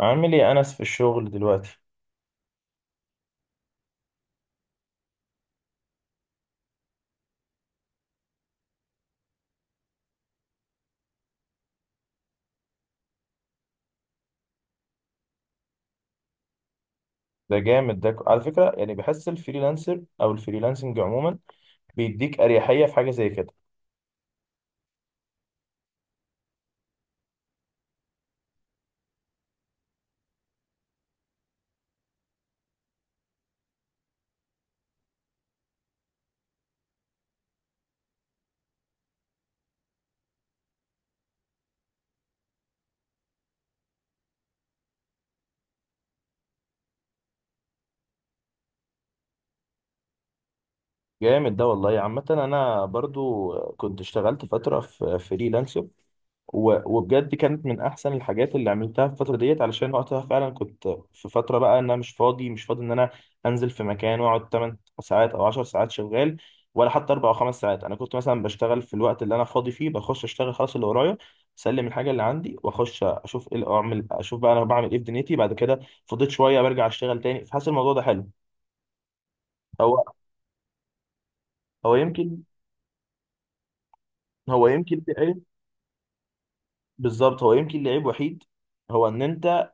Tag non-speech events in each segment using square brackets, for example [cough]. عامل ايه يا انس في الشغل دلوقتي؟ ده جامد، ده على فكره. يعني بحس الفريلانسر او الفريلانسنج عموما بيديك اريحيه في حاجه زي كده. جامد ده والله. عامه انا برضو كنت اشتغلت فتره في فريلانسر وبجد كانت من احسن الحاجات اللي عملتها في الفتره ديت، علشان وقتها فعلا كنت في فتره، بقى ان انا مش فاضي، مش فاضي ان انا انزل في مكان واقعد 8 ساعات او 10 ساعات شغال، ولا حتى 4 او 5 ساعات. انا كنت مثلا بشتغل في الوقت اللي انا فاضي فيه، بخش اشتغل خلاص اللي ورايا، اسلم الحاجه اللي عندي واخش اشوف ايه اللي اعمل، اشوف بقى انا بعمل ايه في دنيتي بعد كده. فضيت شويه برجع اشتغل تاني، فحاسس الموضوع ده حلو. هو هو يمكن هو يمكن ليه عيب؟ بالظبط، هو يمكن ليه عيب وحيد. هو ان انت،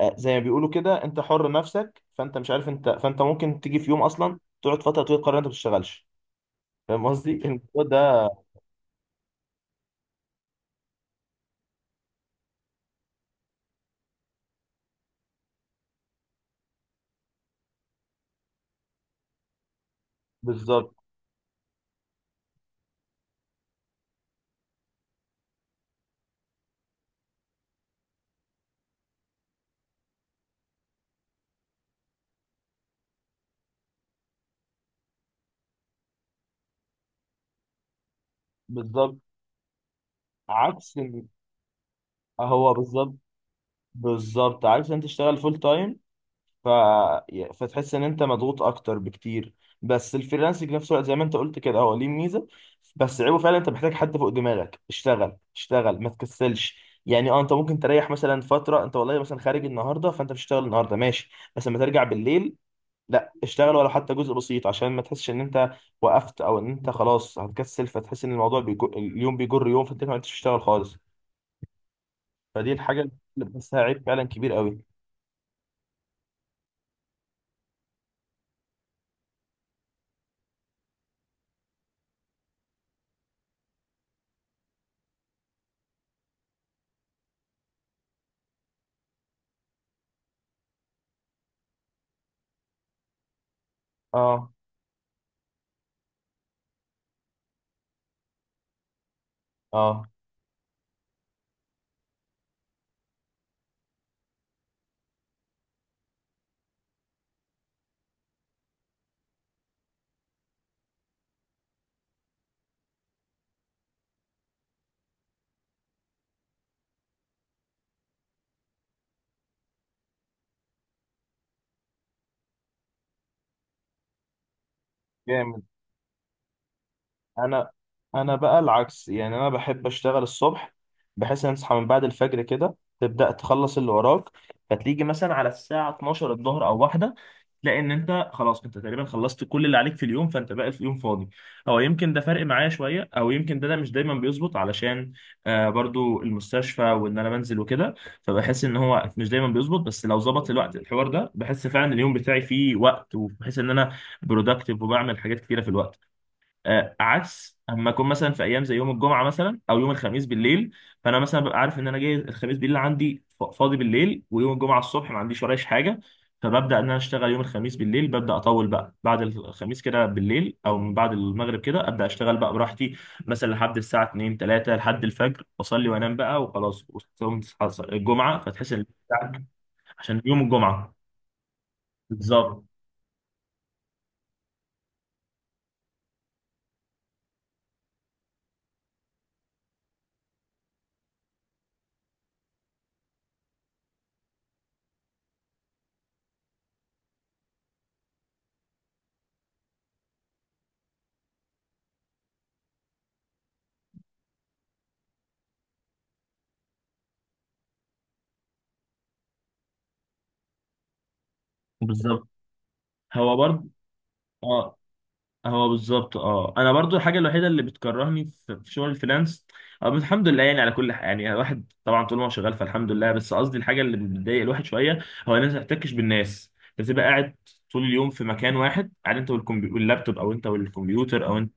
زي ما بيقولوا كده، انت حر نفسك، فانت مش عارف انت، فانت ممكن تيجي في يوم اصلا تقعد فتره طويله تقرر انت ما بتشتغلش. فاهم قصدي الموضوع ده؟ بالظبط بالظبط، عكس ال- هو بالظبط بالظبط عكس انت تشتغل فول تايم. ف... فتحس ان انت مضغوط اكتر بكتير. بس الفريلانسنج في نفس الوقت، زي ما انت قلت كده، هو ليه ميزه. بس عيبه فعلا انت محتاج حد فوق دماغك اشتغل اشتغل ما تكسلش. يعني اه، انت ممكن تريح مثلا فتره، انت والله مثلا خارج النهارده فانت مش هتشتغل النهارده، ماشي، بس لما ترجع بالليل لا، اشتغل ولو حتى جزء بسيط، عشان ما تحسش ان انت وقفت، او ان انت خلاص هتكسل، فتحس ان الموضوع اليوم بيجر يوم، فانت ما عرفتش تشتغل خالص. فدي الحاجه اللي بحسها عيب فعلا كبير قوي. اه، اه، جامد. انا انا بقى العكس، يعني انا بحب اشتغل الصبح، بحيث ان اصحى من بعد الفجر كده، تبدا تخلص اللي وراك، فتيجي مثلا على الساعه 12 الظهر او واحده تلاقي ان انت خلاص، انت تقريبا خلصت كل اللي عليك في اليوم، فانت باقي في اليوم فاضي. او يمكن ده فرق معايا شويه، او يمكن ده مش دايما بيظبط، علشان برضو المستشفى وان انا بنزل وكده. فبحس ان هو مش دايما بيظبط، بس لو ظبط الوقت، الحوار ده بحس فعلا اليوم بتاعي فيه وقت، وبحس ان انا برودكتيف وبعمل حاجات كتيره في الوقت. عكس اما اكون مثلا في ايام زي يوم الجمعه مثلا او يوم الخميس بالليل. فانا مثلا ببقى عارف ان انا جاي الخميس بالليل، عندي فاضي بالليل، ويوم الجمعه الصبح ما عنديش ورايش حاجه. فببدا ان انا اشتغل يوم الخميس بالليل، ببدا اطول بقى بعد الخميس كده بالليل، او من بعد المغرب كده ابدا اشتغل بقى براحتي، مثلا لحد الساعه 2 3 لحد الفجر، اصلي وانام بقى وخلاص، وتصوم تصحى الجمعه فتحس ان بتاعك عشان يوم الجمعه. بالظبط بالظبط، هو برضه. آه، هو بالظبط. اه، انا برضو الحاجه الوحيده اللي بتكرهني في شغل الفريلانس، بس الحمد لله يعني على كل حاجه، يعني الواحد طبعا طول ما هو شغال فالحمد لله. بس قصدي الحاجه اللي بتضايق الواحد شويه، هو الناس ما بتحتكش بالناس، بتبقى قاعد طول اليوم في مكان واحد، قاعد انت واللابتوب، او انت والكمبيوتر، او انت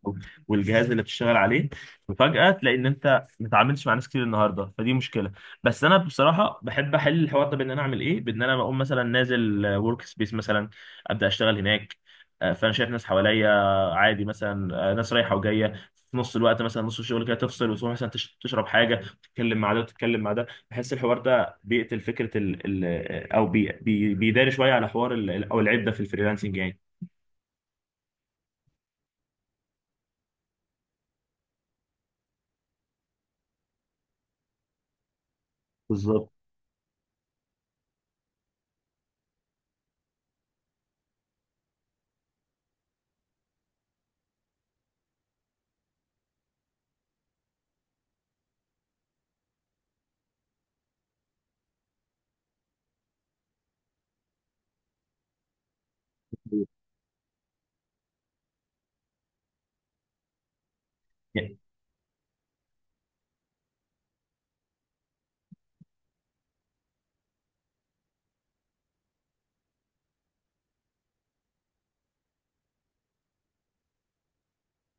والجهاز اللي بتشتغل عليه. وفجاه تلاقي ان انت ما اتعاملتش مع ناس كتير النهارده، فدي مشكله. بس انا بصراحه بحب احل الحوار ده بان انا اعمل ايه، بان انا بقوم مثلا نازل ورك سبيس مثلا، ابدا اشتغل هناك. فانا شايف ناس حواليا، عادي مثلا، ناس رايحه وجايه، في نص الوقت مثلا نص الشغل كده تفصل وتروح مثلا تشرب حاجه، وتتكلم مع ده وتتكلم مع ده. بحس الحوار ده بيقتل فكره ال ال آه، او بي بيداري شويه على حوار او العده في الفريلانسنج يعني. بالظبط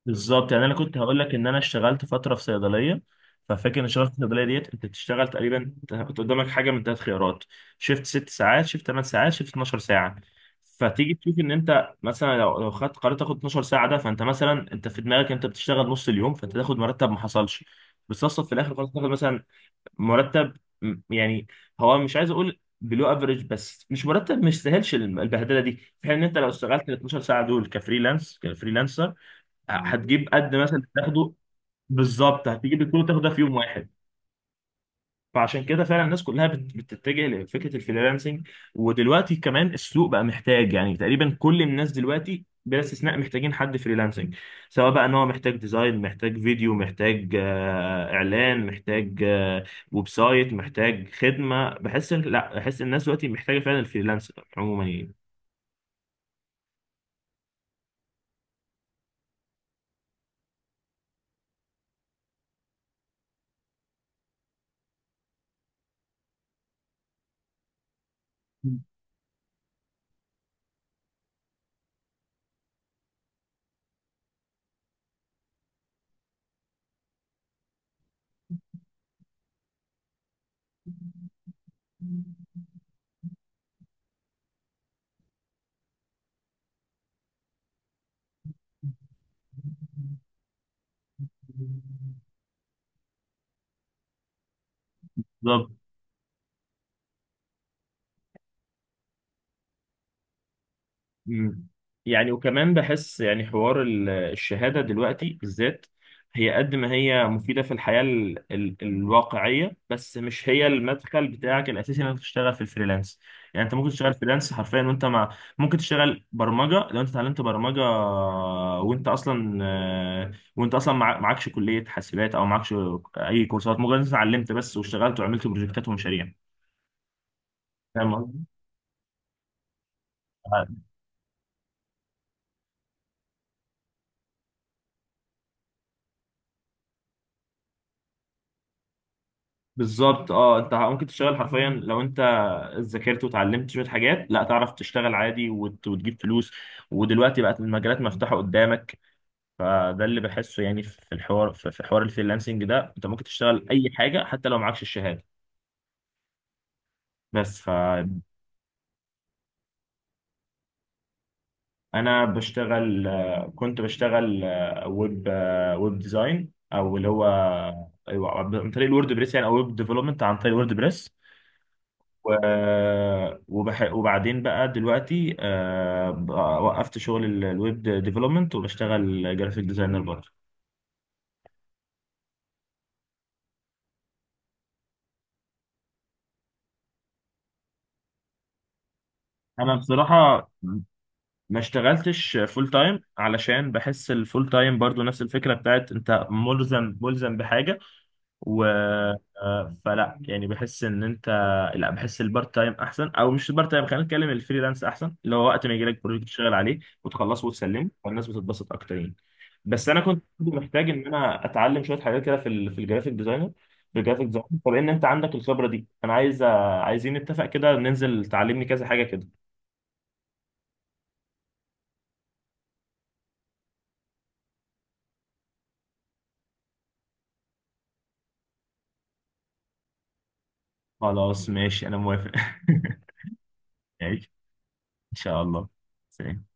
بالظبط يعني انا كنت هقول لك ان انا اشتغلت فتره في صيدليه. ففاكر ان اشتغلت في الصيدليه ديت، انت بتشتغل تقريبا، انت كنت قدامك حاجه من ثلاث خيارات: شفت ست ساعات، شفت ثمان ساعات، شفت 12 ساعه. فتيجي تشوف ان انت مثلا لو خدت قررت تاخد 12 ساعه ده، فانت مثلا انت في دماغك انت بتشتغل نص اليوم، فانت تاخد مرتب ما حصلش. بتصفصف في الاخر، خلاص تاخد مثلا مرتب، يعني، هو مش عايز اقول بلو افريج، بس مش مرتب، مش سهلش البهدله دي. في حين ان انت لو اشتغلت ال 12 ساعه دول كفريلانسر، هتجيب قد مثلا تاخده. بالظبط، هتجيب كله تاخده في يوم واحد. فعشان كده فعلا الناس كلها بتتجه لفكره الفريلانسنج. ودلوقتي كمان السوق بقى محتاج، يعني تقريبا كل الناس دلوقتي بلا استثناء محتاجين حد فريلانسنج، سواء بقى ان هو محتاج ديزاين، محتاج فيديو، محتاج اعلان، محتاج ويب سايت، محتاج خدمه. لا، بحس إن الناس دلوقتي محتاجه فعلا الفريلانسر عموما يعني. بالظبط. مم. يعني وكمان بحس يعني حوار الشهادة دلوقتي بالذات، هي قد ما هي مفيدة في الحياة ال الواقعية، بس مش هي المدخل بتاعك الأساسي إنك تشتغل في الفريلانس. يعني أنت ممكن تشتغل فريلانس حرفيا، وأنت ممكن تشتغل برمجة لو أنت اتعلمت برمجة، وأنت أصلا معكش كلية حاسبات أو معكش أي كورسات، مجرد أنت اتعلمت بس واشتغلت وعملت بروجكتات ومشاريع. فاهم قصدي؟ بالظبط، اه، انت ممكن تشتغل حرفيا لو انت ذاكرت وتعلمت شويه حاجات لا، تعرف تشتغل عادي وتجيب فلوس. ودلوقتي بقت المجالات مفتوحه قدامك، فده اللي بحسه يعني في الحوار، في حوار الفريلانسنج ده، انت ممكن تشتغل اي حاجه حتى لو معكش الشهاده. بس. فانا بشتغل آه، كنت بشتغل، ويب ديزاين، او اللي هو أيوة، عن طريق الورد بريس، يعني، او ويب ديفلوبمنت عن طريق الورد بريس. و... وبعدين بقى دلوقتي بقى وقفت شغل الويب ديفلوبمنت، وبشتغل جرافيك ديزاينر برضه. انا بصراحه ما اشتغلتش فول تايم، علشان بحس الفول تايم برضو نفس الفكره بتاعت انت ملزم، ملزم بحاجه. و آه، فلا يعني، بحس ان انت لا، بحس البارت تايم احسن، او مش البارت تايم، خلينا نتكلم الفريلانس احسن، اللي هو وقت ما يجي لك بروجكت تشتغل عليه وتخلصه وتسلمه، والناس بتتبسط اكتر يعني. بس انا كنت محتاج ان انا اتعلم شويه حاجات كده في الجرافيك ديزاينر، في الجرافيك ديزاين. طب ان انت عندك الخبره دي، انا عايزين نتفق كده ننزل تعلمني كذا حاجه كده. خلاص ماشي انا موافق. [laughs] ماشي، ان شاء الله. سلام.